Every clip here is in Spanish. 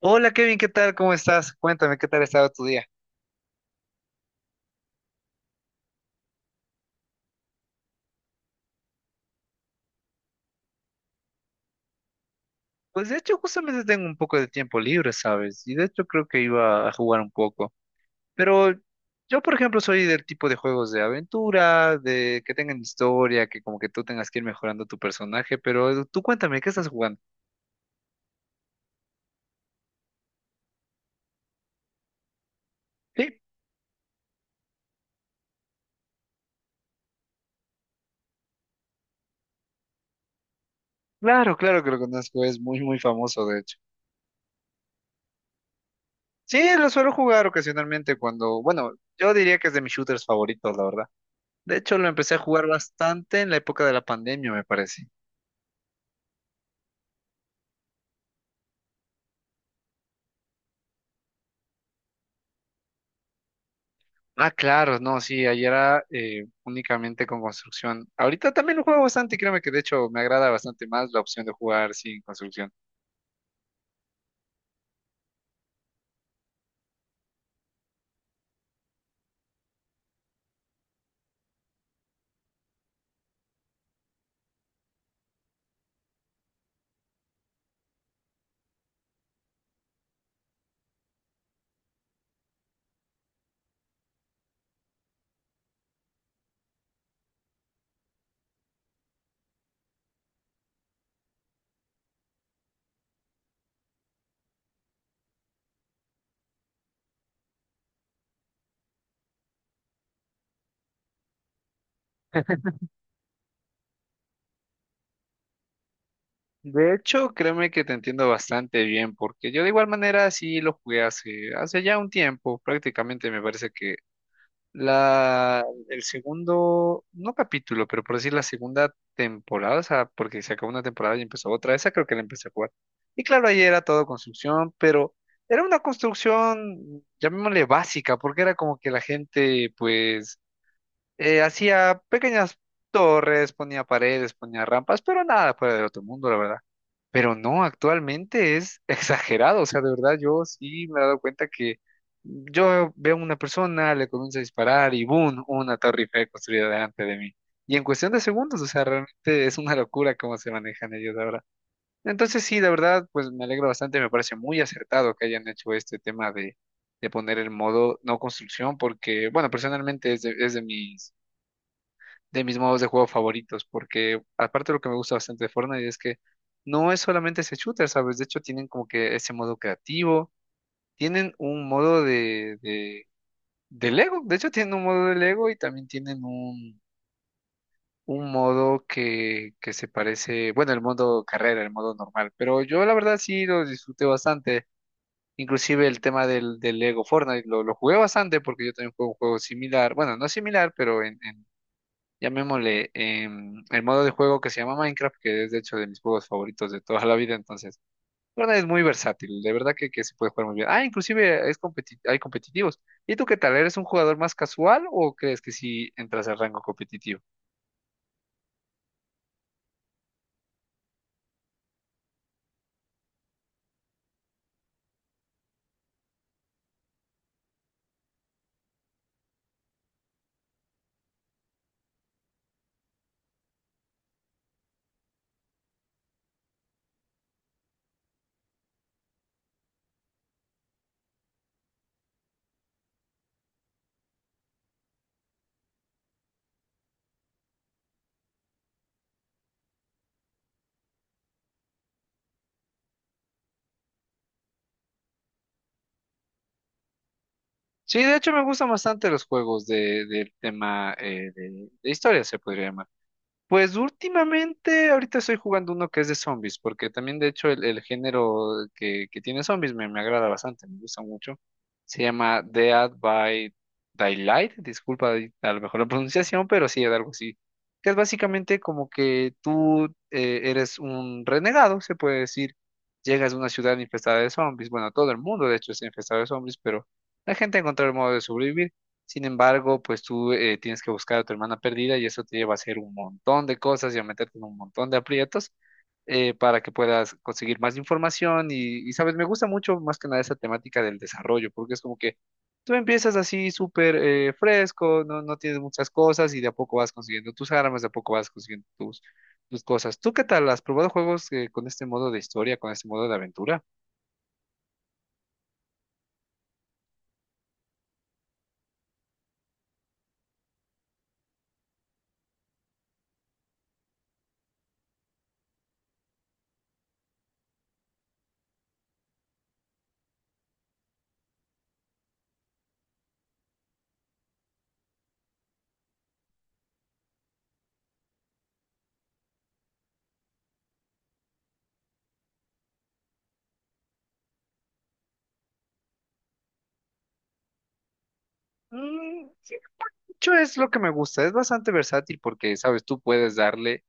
Hola Kevin, ¿qué tal? ¿Cómo estás? Cuéntame, ¿qué tal ha estado tu día? Pues de hecho, justamente tengo un poco de tiempo libre, ¿sabes? Y de hecho creo que iba a jugar un poco. Pero yo, por ejemplo, soy del tipo de juegos de aventura, de que tengan historia, que como que tú tengas que ir mejorando tu personaje, pero tú cuéntame, ¿qué estás jugando? Sí, claro, claro que lo conozco, es muy, muy famoso, de hecho. Sí, lo suelo jugar ocasionalmente cuando, bueno, yo diría que es de mis shooters favoritos, la verdad. De hecho, lo empecé a jugar bastante en la época de la pandemia, me parece. Ah, claro, no, sí, ayer era únicamente con construcción. Ahorita también lo juego bastante, créeme que de hecho me agrada bastante más la opción de jugar sin construcción. De hecho, créeme que te entiendo bastante bien, porque yo de igual manera sí lo jugué hace ya un tiempo, prácticamente me parece que la, el segundo, no capítulo, pero por decir la segunda temporada, o sea, porque se acabó una temporada y empezó otra, esa creo que la empecé a jugar. Y claro, ahí era todo construcción, pero era una construcción, llamémosle básica, porque era como que la gente, pues, hacía pequeñas torres, ponía paredes, ponía rampas, pero nada fuera del otro mundo, la verdad. Pero no, actualmente es exagerado, o sea, de verdad yo sí me he dado cuenta que yo veo una persona, le comienzo a disparar y ¡boom! Una torre Eiffel construida delante de mí. Y en cuestión de segundos, o sea, realmente es una locura cómo se manejan ellos ahora. Entonces sí, de verdad, pues me alegro bastante, me parece muy acertado que hayan hecho este tema de poner el modo no construcción, porque, bueno, personalmente es de mis modos de juego favoritos, porque aparte lo que me gusta bastante de Fortnite es que no es solamente ese shooter, ¿sabes? De hecho, tienen como que ese modo creativo, tienen un modo de Lego, de hecho, tienen un modo de Lego y también tienen un modo que se parece, bueno, el modo carrera, el modo normal, pero yo la verdad sí lo disfruté bastante. Inclusive el tema del Lego Fortnite lo jugué bastante porque yo también juego un juego similar, bueno, no similar, pero en llamémosle, el modo de juego que se llama Minecraft, que es de hecho de mis juegos favoritos de toda la vida, entonces, bueno, es muy versátil, de verdad que se puede jugar muy bien. Ah, inclusive es hay competitivos. ¿Y tú qué tal? ¿Eres un jugador más casual o crees que sí entras al rango competitivo? Sí, de hecho me gustan bastante los juegos del tema de historia, se podría llamar. Pues últimamente, ahorita estoy jugando uno que es de zombies, porque también de hecho el género que tiene zombies me agrada bastante, me gusta mucho. Se llama Dead by Daylight, disculpa ahí a lo mejor la pronunciación, pero sí, es algo así. Que es básicamente como que tú eres un renegado, se puede decir. Llegas a una ciudad infestada de zombies, bueno, todo el mundo de hecho está infestado de zombies, pero la gente encuentra el modo de sobrevivir. Sin embargo, pues tú tienes que buscar a tu hermana perdida y eso te lleva a hacer un montón de cosas y a meterte en un montón de aprietos para que puedas conseguir más información y sabes, me gusta mucho más que nada esa temática del desarrollo, porque es como que tú empiezas así súper fresco, no, no tienes muchas cosas y de a poco vas consiguiendo tus armas, de a poco vas consiguiendo tus cosas. ¿Tú qué tal? ¿Has probado juegos con este modo de historia, con este modo de aventura? Mm, sí, mucho es lo que me gusta, es bastante versátil porque, sabes, tú puedes darle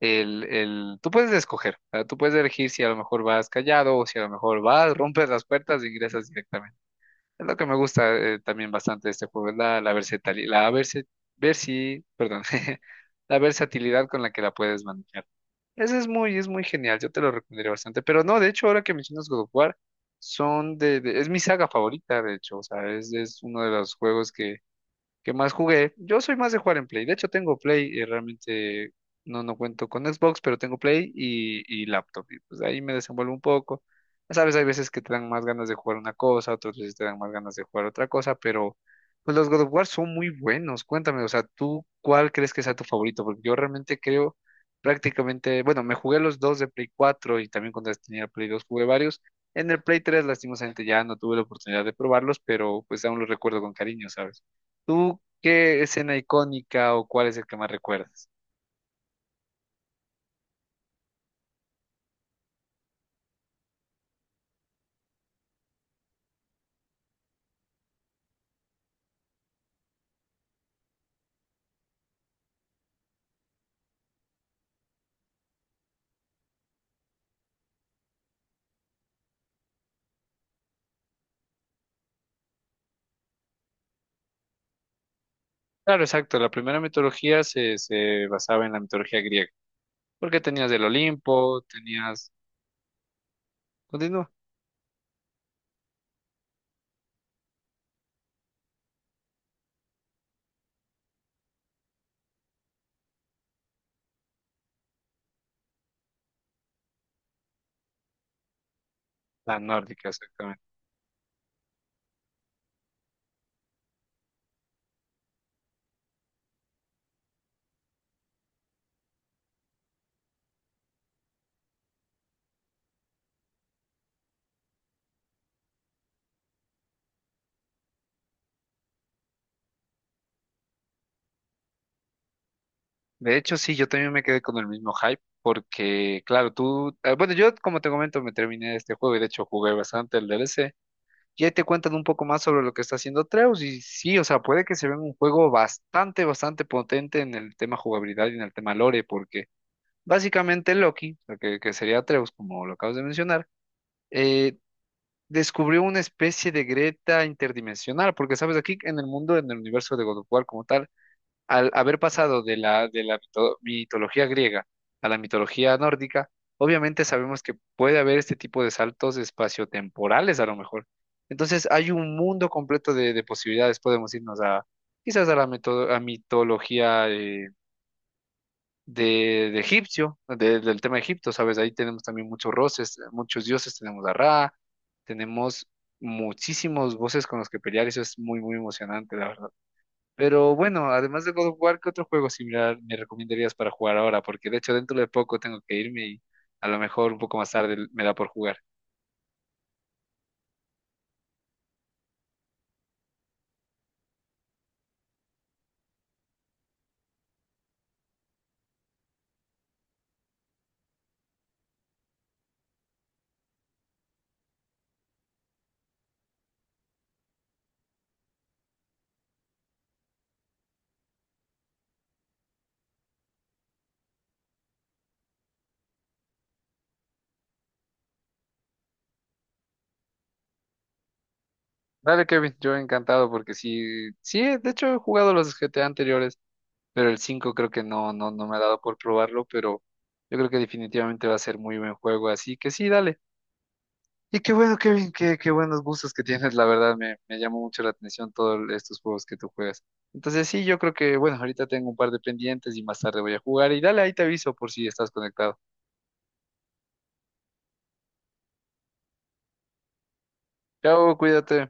tú puedes escoger, o sea, tú puedes elegir si a lo mejor vas callado o si a lo mejor vas, rompes las puertas e ingresas directamente. Es lo que me gusta también bastante de este juego, es la versatilidad, perdón, la versatilidad con la que la puedes manejar. Ese es muy genial, yo te lo recomendaría bastante. Pero no, de hecho, ahora que mencionas God of War, son es mi saga favorita, de hecho, o sea, es uno de los juegos que ¿qué más jugué? Yo soy más de jugar en Play. De hecho, tengo Play y realmente no, no cuento con Xbox, pero tengo Play y laptop. Y pues ahí me desenvuelvo un poco. Ya sabes, hay veces que te dan más ganas de jugar una cosa, otras veces te dan más ganas de jugar otra cosa, pero pues los God of War son muy buenos. Cuéntame, o sea, ¿tú cuál crees que sea tu favorito? Porque yo realmente creo prácticamente, bueno, me jugué los dos de Play 4 y también cuando tenía Play 2 jugué varios. En el Play 3 lastimosamente, ya no tuve la oportunidad de probarlos, pero pues aún los recuerdo con cariño, ¿sabes? ¿Tú qué escena icónica o cuál es el que más recuerdas? Claro, exacto. La primera mitología se basaba en la mitología griega. Porque tenías el Olimpo, tenías... Continúa. La nórdica, exactamente. De hecho, sí, yo también me quedé con el mismo hype. Porque, claro, tú... bueno, yo, como te comento, me terminé este juego y de hecho jugué bastante el DLC. Y ahí te cuentan un poco más sobre lo que está haciendo Treus. Y sí, o sea, puede que se vea un juego bastante, bastante potente en el tema jugabilidad y en el tema lore. Porque básicamente Loki, o sea, que sería Treus como lo acabas de mencionar, eh, descubrió una especie de Greta interdimensional, porque sabes, aquí en el mundo, en el universo de God of War como tal, al haber pasado mitología griega a la mitología nórdica, obviamente sabemos que puede haber este tipo de saltos espaciotemporales a lo mejor. Entonces hay un mundo completo de posibilidades, podemos irnos a quizás a la mito- a mitología del tema de Egipto, ¿sabes? Ahí tenemos también muchos roces, muchos dioses, tenemos a Ra, tenemos muchísimos voces con los que pelear, eso es muy, muy emocionante, la verdad. Pero bueno, además de God of War, ¿qué otro juego similar me recomendarías para jugar ahora? Porque de hecho dentro de poco tengo que irme y a lo mejor un poco más tarde me da por jugar. Dale, Kevin, yo encantado porque sí, sí, de hecho he jugado los GTA anteriores. Pero el 5 creo que no, no, no me ha dado por probarlo, pero yo creo que definitivamente va a ser muy buen juego, así que sí, dale. Y qué bueno, Kevin, qué buenos gustos que tienes, la verdad, me llamó mucho la atención todos estos juegos que tú juegas. Entonces sí, yo creo que, bueno, ahorita tengo un par de pendientes y más tarde voy a jugar y dale, ahí te aviso por si estás conectado. Chao, cuídate.